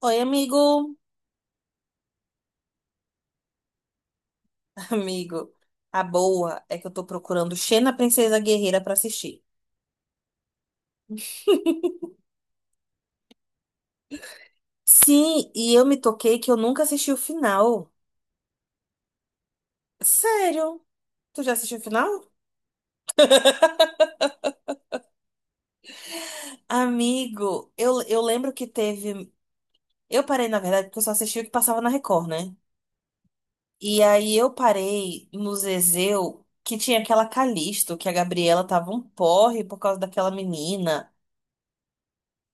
Oi, amigo. Amigo, a boa é que eu tô procurando Xena Princesa Guerreira pra assistir. Sim, e eu me toquei que eu nunca assisti o final. Sério? Tu já assistiu o final? Amigo, eu lembro que teve. Eu parei, na verdade, porque eu só assisti o que passava na Record, né? E aí eu parei no Zezéu, que tinha aquela Calisto, que a Gabriela tava um porre por causa daquela menina.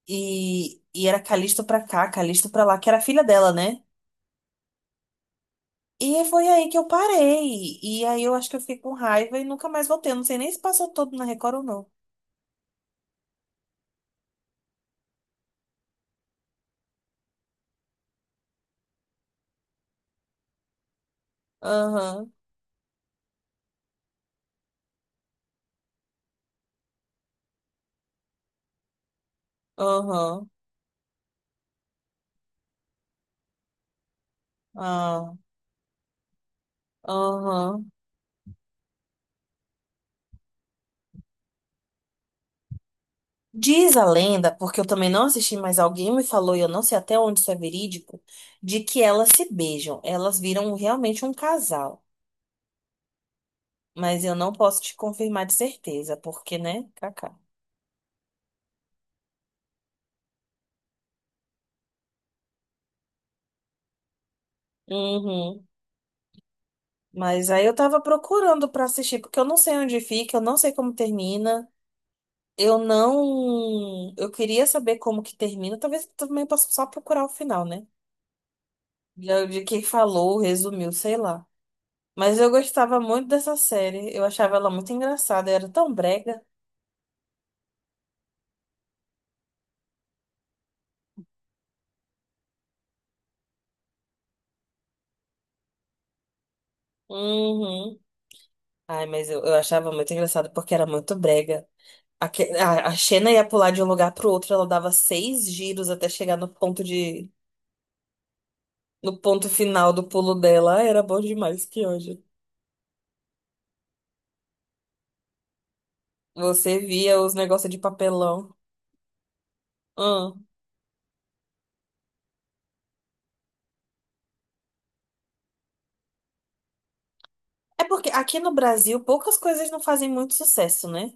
E era Calisto pra cá, Calisto pra lá, que era a filha dela, né? E foi aí que eu parei. E aí eu acho que eu fiquei com raiva e nunca mais voltei. Eu não sei nem se passou todo na Record ou não. Aham, aham, ah, aham. Diz a lenda, porque eu também não assisti, mas alguém me falou, e eu não sei até onde isso é verídico, de que elas se beijam. Elas viram realmente um casal. Mas eu não posso te confirmar de certeza, porque, né, Kaká. Uhum. Mas aí eu tava procurando pra assistir, porque eu não sei onde fica, eu não sei como termina. Eu não. Eu queria saber como que termina. Talvez eu também possa só procurar o final, né? De quem falou, resumiu, sei lá. Mas eu gostava muito dessa série. Eu achava ela muito engraçada. Era tão brega. Uhum. Ai, mas eu achava muito engraçado porque era muito brega. A Xena ia pular de um lugar pro outro. Ela dava seis giros até chegar no ponto de. No ponto final do pulo dela. Ai, era bom demais, que ódio. Você via os negócios de papelão. É porque aqui no Brasil poucas coisas não fazem muito sucesso, né?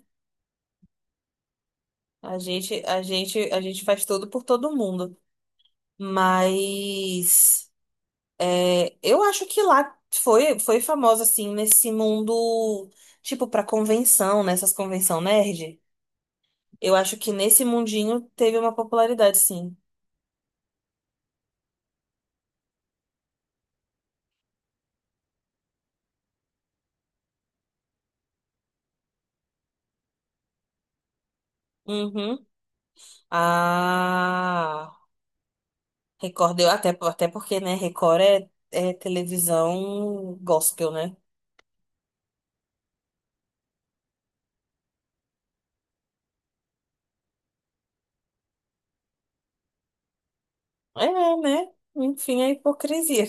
A gente faz tudo por todo mundo. Mas é, eu acho que lá foi, foi famosa, assim, nesse mundo, tipo, pra convenção, nessas convenção nerd. Eu acho que nesse mundinho teve uma popularidade, sim. Uhum. Ah, Record, até, até porque, né, Record é, é televisão gospel, né? É, né? Enfim, a hipocrisia.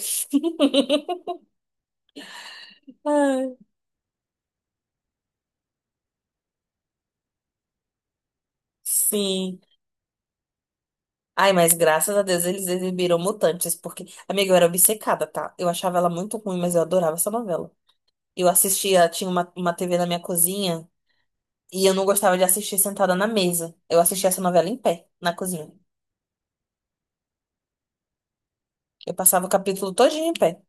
Ai, Sim. Ai, mas graças a Deus eles exibiram Mutantes, porque, amiga, eu era obcecada, tá? Eu achava ela muito ruim, mas eu adorava essa novela. Eu assistia, tinha uma TV na minha cozinha, e eu não gostava de assistir sentada na mesa. Eu assistia essa novela em pé, na cozinha. Eu passava o capítulo todinho em pé.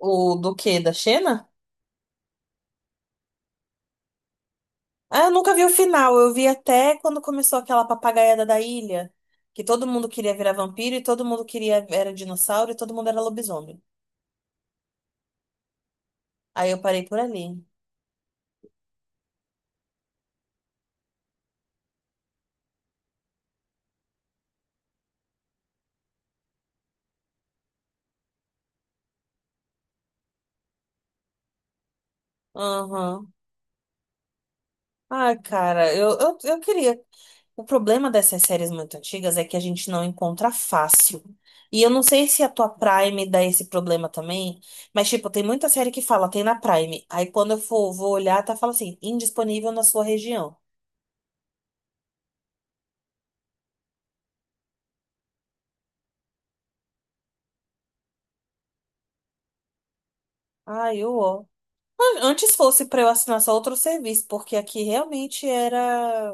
O do quê? Da Xena? Ah, eu nunca vi o final. Eu vi até quando começou aquela papagaiada da ilha, que todo mundo queria virar vampiro e todo mundo queria era dinossauro e todo mundo era lobisomem. Aí eu parei por ali. Aham. Ai, cara, eu queria. O problema dessas séries muito antigas é que a gente não encontra fácil. E eu não sei se a tua Prime dá esse problema também, mas, tipo, tem muita série que fala, tem na Prime. Aí quando eu for, vou olhar, tá fala assim, indisponível na sua região. Ai, eu. Antes fosse pra eu assinar só outro serviço, porque aqui realmente era.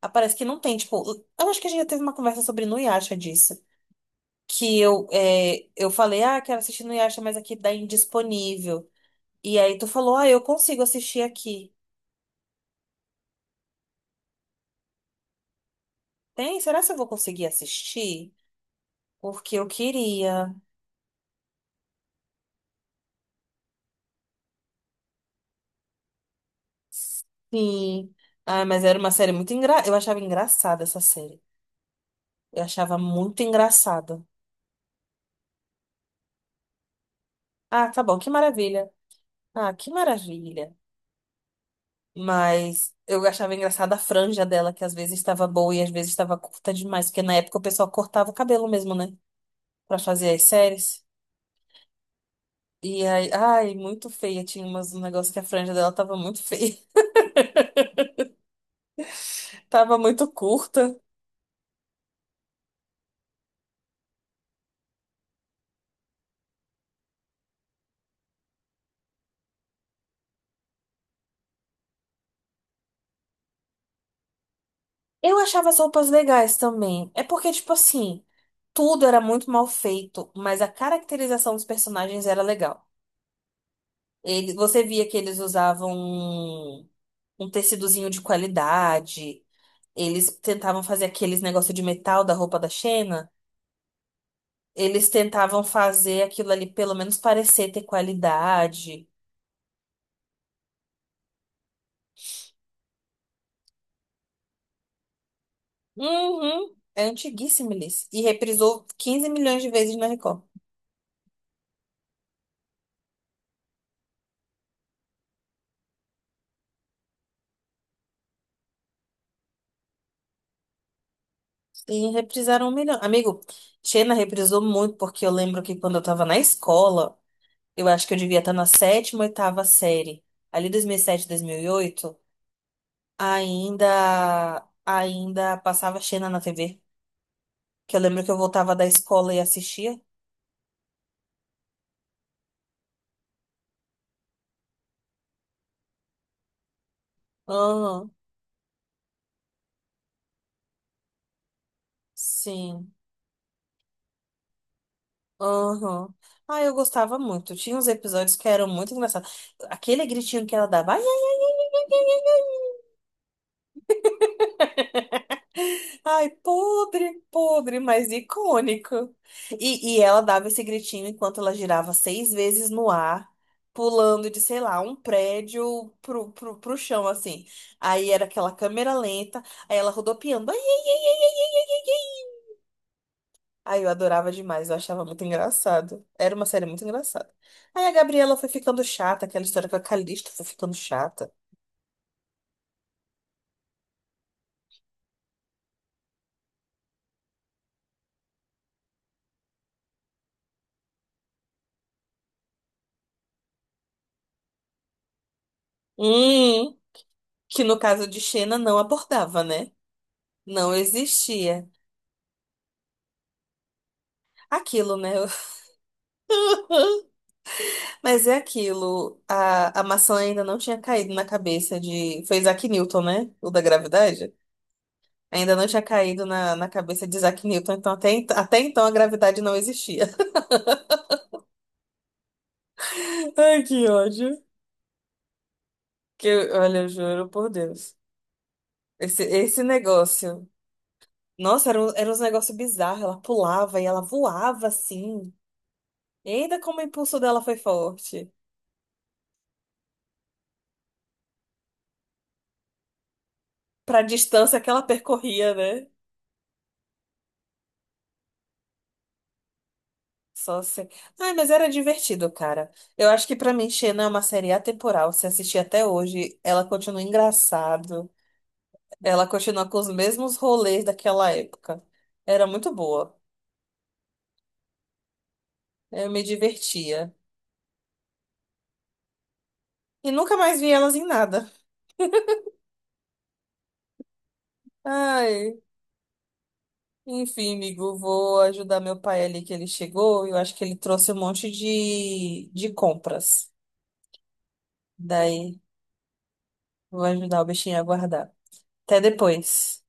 Ah, parece que não tem, tipo, eu acho que a gente já teve uma conversa sobre Nuyasha disso. Que eu, é, eu falei, ah, quero assistir Nuyasha, mas aqui dá indisponível. E aí tu falou, ah, eu consigo assistir aqui. Tem? Será que eu vou conseguir assistir? Porque eu queria. Sim. Ah, mas era uma série muito engra... Eu achava engraçada essa série. Eu achava muito engraçada. Ah, tá bom, que maravilha. Ah, que maravilha. Mas eu achava engraçada a franja dela, que às vezes estava boa e às vezes estava curta demais, porque na época o pessoal cortava o cabelo mesmo, né? Pra fazer as séries. E aí, ai, muito feia. Tinha umas, um negócio que a franja dela tava muito feia, tava muito curta. Eu achava as roupas legais também. É porque, tipo assim, tudo era muito mal feito, mas a caracterização dos personagens era legal. Ele, você via que eles usavam um tecidozinho de qualidade. Eles tentavam fazer aqueles negócio de metal da roupa da Xena. Eles tentavam fazer aquilo ali, pelo menos parecer ter qualidade. Uhum. É antiguíssimo, Liz. E reprisou 15 milhões de vezes na Record. E reprisaram um milhão. Amigo, Xena reprisou muito, porque eu lembro que quando eu tava na escola, eu acho que eu devia estar na sétima, oitava série. Ali 2007, 2008, ainda passava Xena na TV. Que eu lembro que eu voltava da escola e assistia. Aham, sim. Aham. Ah, eu gostava muito. Tinha uns episódios que eram muito engraçados. Aquele gritinho que ela dava. Ai, ai, ai, ai, ai, ai, ai. Ai, ai, podre, podre, mas icônico. E ela dava esse gritinho enquanto ela girava seis vezes no ar, pulando de, sei lá, um prédio pro chão, assim. Aí era aquela câmera lenta, aí ela rodopiando. Ai, ai, ai, ai, ai, ai, ai, ai. Ai. Ai, eu adorava demais, eu achava muito engraçado. Era uma série muito engraçada. Aí a Gabriela foi ficando chata, aquela história com a Calista foi ficando chata. Hum, que no caso de Xena não abordava, né? Não existia. Aquilo, né? Mas é aquilo. A maçã ainda não tinha caído na cabeça de. Foi Isaac Newton, né? O da gravidade? Ainda não tinha caído na, na cabeça de Isaac Newton, então até, até então a gravidade não existia. Ai, que ódio. Que, olha, eu juro por Deus. Esse negócio. Nossa, era, era uns negócios bizarros. Ela pulava e ela voava assim. E ainda como o impulso dela foi forte. Pra distância que ela percorria, né? Só assim. Ai, mas era divertido, cara. Eu acho que pra mim, Xena é uma série atemporal. Se assistir até hoje, ela continua engraçado. Ela continua com os mesmos rolês daquela época. Era muito boa. Eu me divertia. E nunca mais vi elas em nada. Ai. Enfim, amigo, vou ajudar meu pai ali que ele chegou. Eu acho que ele trouxe um monte de compras. Daí, vou ajudar o bichinho a guardar. Até depois.